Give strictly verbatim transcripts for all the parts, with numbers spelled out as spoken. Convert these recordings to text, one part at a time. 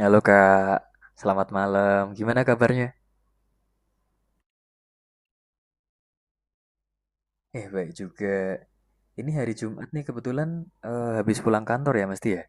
Halo Kak, selamat malam. Gimana kabarnya? Eh, baik juga. Ini hari Jumat nih kebetulan eh, habis pulang kantor ya mesti ya.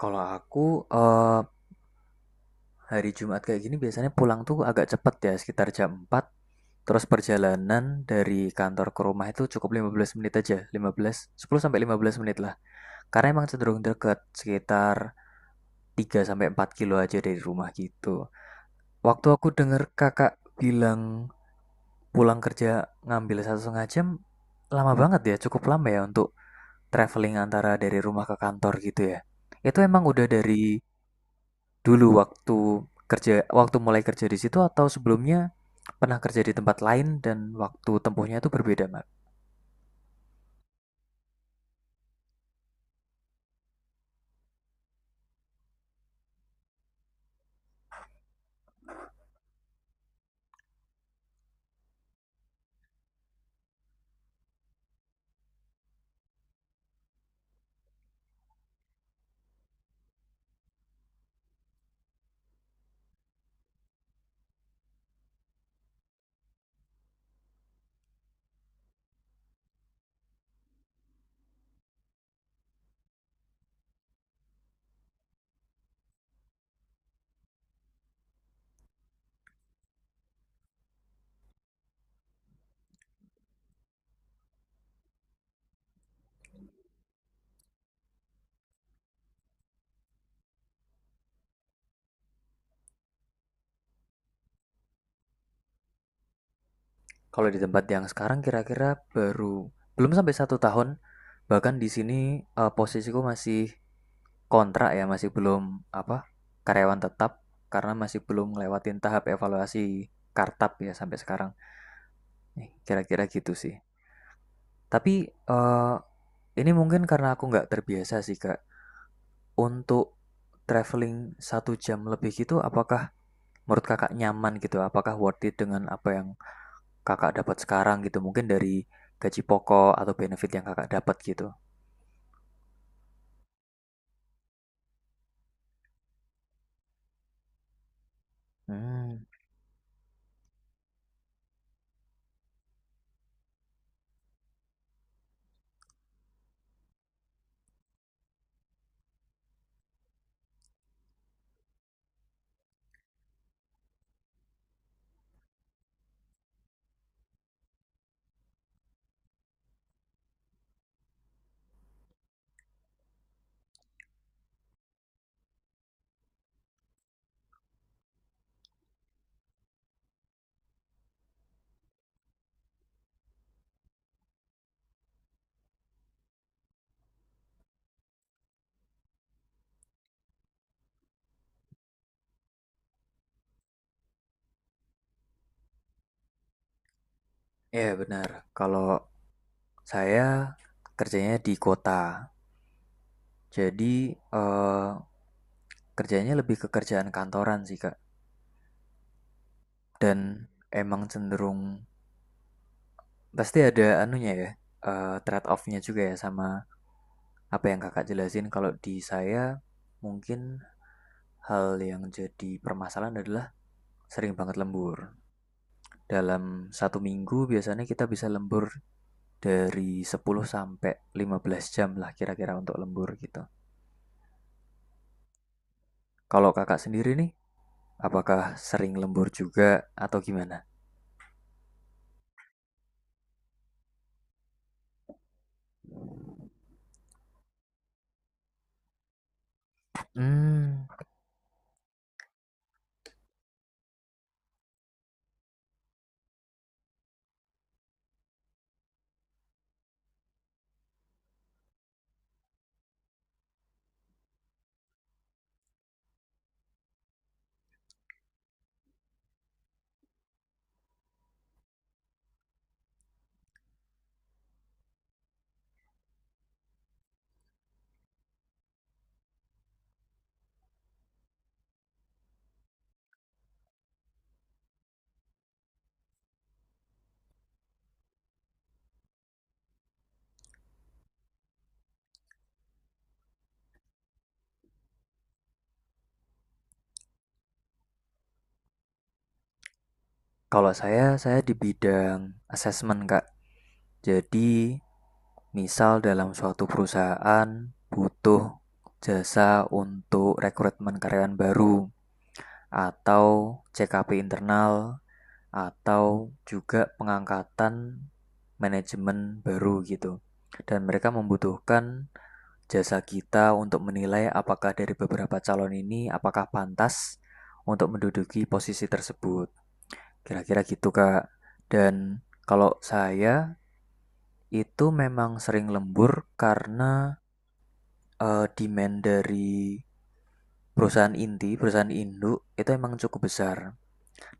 Kalau aku eh, hari Jumat kayak gini biasanya pulang tuh agak cepet ya, sekitar jam empat. Terus perjalanan dari kantor ke rumah itu cukup lima belas menit aja. Lima belas, sepuluh sampai lima belas menit lah. Karena emang cenderung deket, sekitar tiga sampai empat kilo aja dari rumah gitu. Waktu aku denger kakak bilang pulang kerja ngambil satu setengah jam, lama banget ya, cukup lama ya untuk traveling antara dari rumah ke kantor gitu ya. Itu emang udah dari dulu waktu kerja, waktu mulai kerja di situ, atau sebelumnya pernah kerja di tempat lain dan waktu tempuhnya itu berbeda, Mas? Kalau di tempat yang sekarang kira-kira baru belum sampai satu tahun, bahkan di sini eh, posisiku masih kontrak ya, masih belum apa, karyawan tetap karena masih belum ngelewatin tahap evaluasi kartap ya sampai sekarang. Nih, kira-kira gitu sih. Tapi eh, ini mungkin karena aku nggak terbiasa sih kak untuk traveling satu jam lebih gitu. Apakah menurut kakak nyaman gitu? Apakah worth it dengan apa yang Kakak dapat sekarang gitu, mungkin dari gaji pokok atau benefit yang Kakak dapat gitu? Mmm, iya benar. Kalau saya kerjanya di kota, jadi, eee, kerjanya lebih ke kerjaan kantoran sih, Kak, dan emang cenderung pasti ada anunya ya, eee, trade off-nya juga ya sama apa yang Kakak jelasin. Kalau di saya mungkin hal yang jadi permasalahan adalah sering banget lembur. Dalam satu minggu biasanya kita bisa lembur dari sepuluh sampai lima belas jam lah kira-kira untuk lembur gitu. Kalau kakak sendiri nih, apakah sering lembur juga atau gimana? Hmm, kalau saya, saya di bidang assessment kak. Jadi, misal dalam suatu perusahaan butuh jasa untuk rekrutmen karyawan baru atau C K P internal atau juga pengangkatan manajemen baru gitu. Dan mereka membutuhkan jasa kita untuk menilai apakah dari beberapa calon ini apakah pantas untuk menduduki posisi tersebut. Kira-kira gitu, Kak. Dan kalau saya itu memang sering lembur karena eh, demand dari perusahaan inti, perusahaan induk itu emang cukup besar,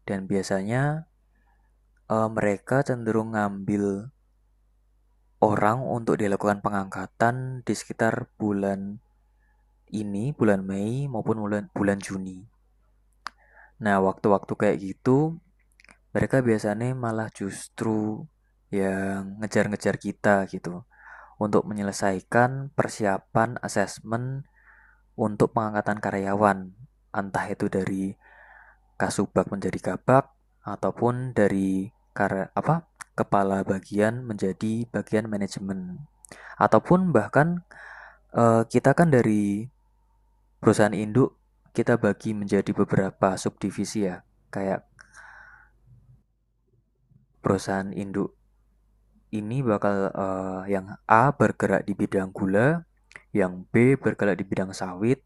dan biasanya eh, mereka cenderung ngambil orang untuk dilakukan pengangkatan di sekitar bulan ini, bulan Mei maupun bulan bulan Juni. Nah, waktu-waktu kayak gitu, mereka biasanya malah justru yang ngejar-ngejar kita gitu untuk menyelesaikan persiapan asesmen untuk pengangkatan karyawan, entah itu dari kasubag menjadi kabag, ataupun dari kar apa kepala bagian menjadi bagian manajemen, ataupun bahkan eh, kita kan dari perusahaan induk kita bagi menjadi beberapa subdivisi ya, kayak perusahaan induk ini bakal, eee, yang A bergerak di bidang gula, yang B bergerak di bidang sawit,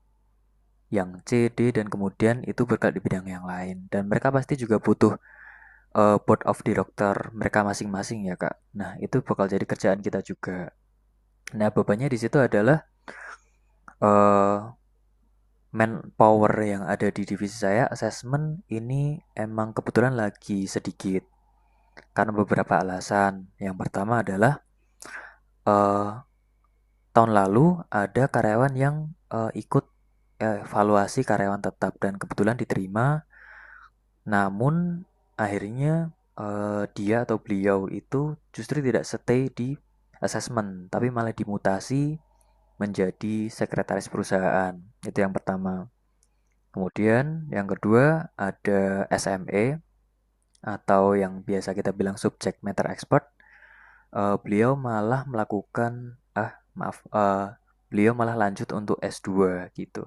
yang C, D, dan kemudian itu bergerak di bidang yang lain. Dan mereka pasti juga butuh, eee, board of director mereka masing-masing ya, Kak. Nah, itu bakal jadi kerjaan kita juga. Nah, bebannya di situ adalah, eee, manpower yang ada di divisi saya, Assessment ini emang kebetulan lagi sedikit karena beberapa alasan. Yang pertama adalah, eee, tahun lalu ada karyawan yang, eee, ikut evaluasi karyawan tetap dan kebetulan diterima, namun akhirnya eh, dia atau beliau itu justru tidak stay di assessment, tapi malah dimutasi menjadi sekretaris perusahaan. Itu yang pertama. Kemudian yang kedua ada S M E atau yang biasa kita bilang subject matter expert. Eh, beliau malah melakukan ah maaf eh, beliau malah lanjut untuk s dua gitu.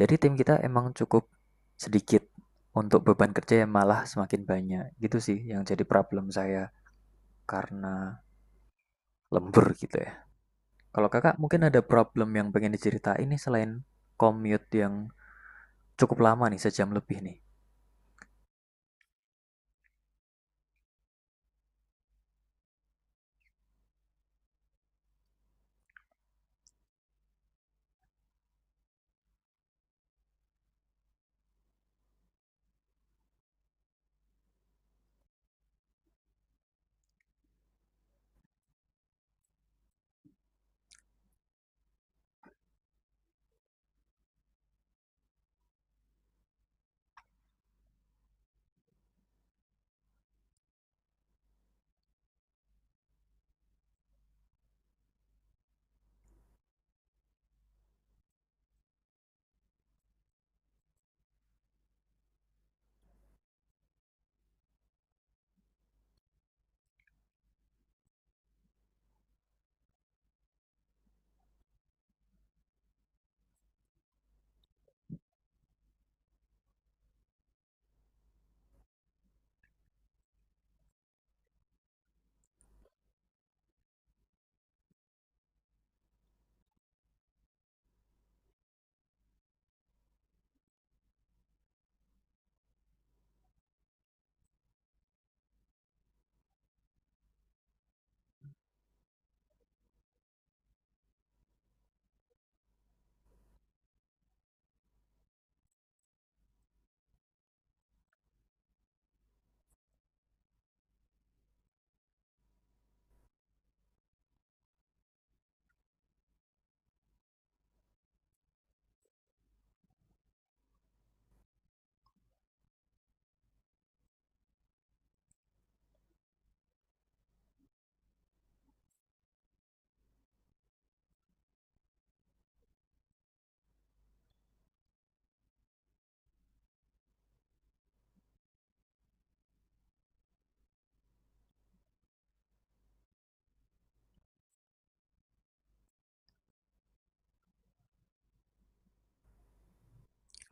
Jadi tim kita emang cukup sedikit untuk beban kerja yang malah semakin banyak. Gitu sih yang jadi problem saya karena lembur gitu ya. Kalau kakak mungkin ada problem yang pengen diceritain nih, selain commute yang cukup lama nih, sejam lebih nih.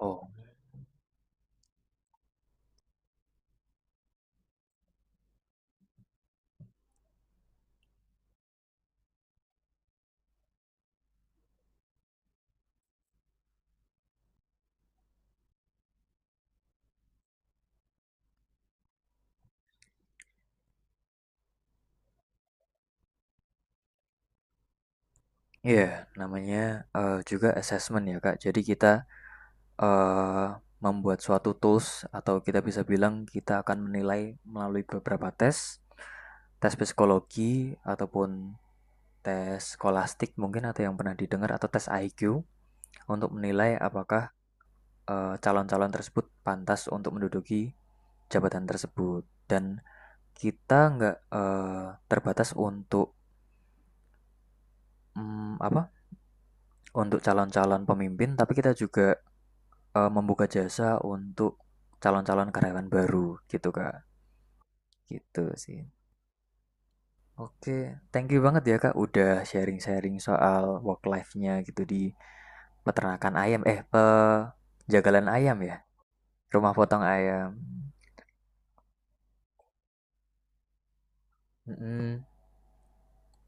Oh iya yeah, namanya eh, juga assessment ya kak. Jadi kita eh, membuat suatu tools atau kita bisa bilang kita akan menilai melalui beberapa tes, tes psikologi ataupun tes skolastik mungkin atau yang pernah didengar atau tes I Q untuk menilai apakah eh, calon-calon tersebut pantas untuk menduduki jabatan tersebut, dan kita nggak eh, terbatas untuk mm, apa untuk calon-calon pemimpin, tapi kita juga eh, membuka jasa untuk calon-calon karyawan baru gitu kak. Gitu sih. Oke, thank you banget ya Kak udah sharing-sharing soal work life-nya gitu di peternakan ayam, eh, penjagalan ayam ya, rumah potong ayam. Mm-mm.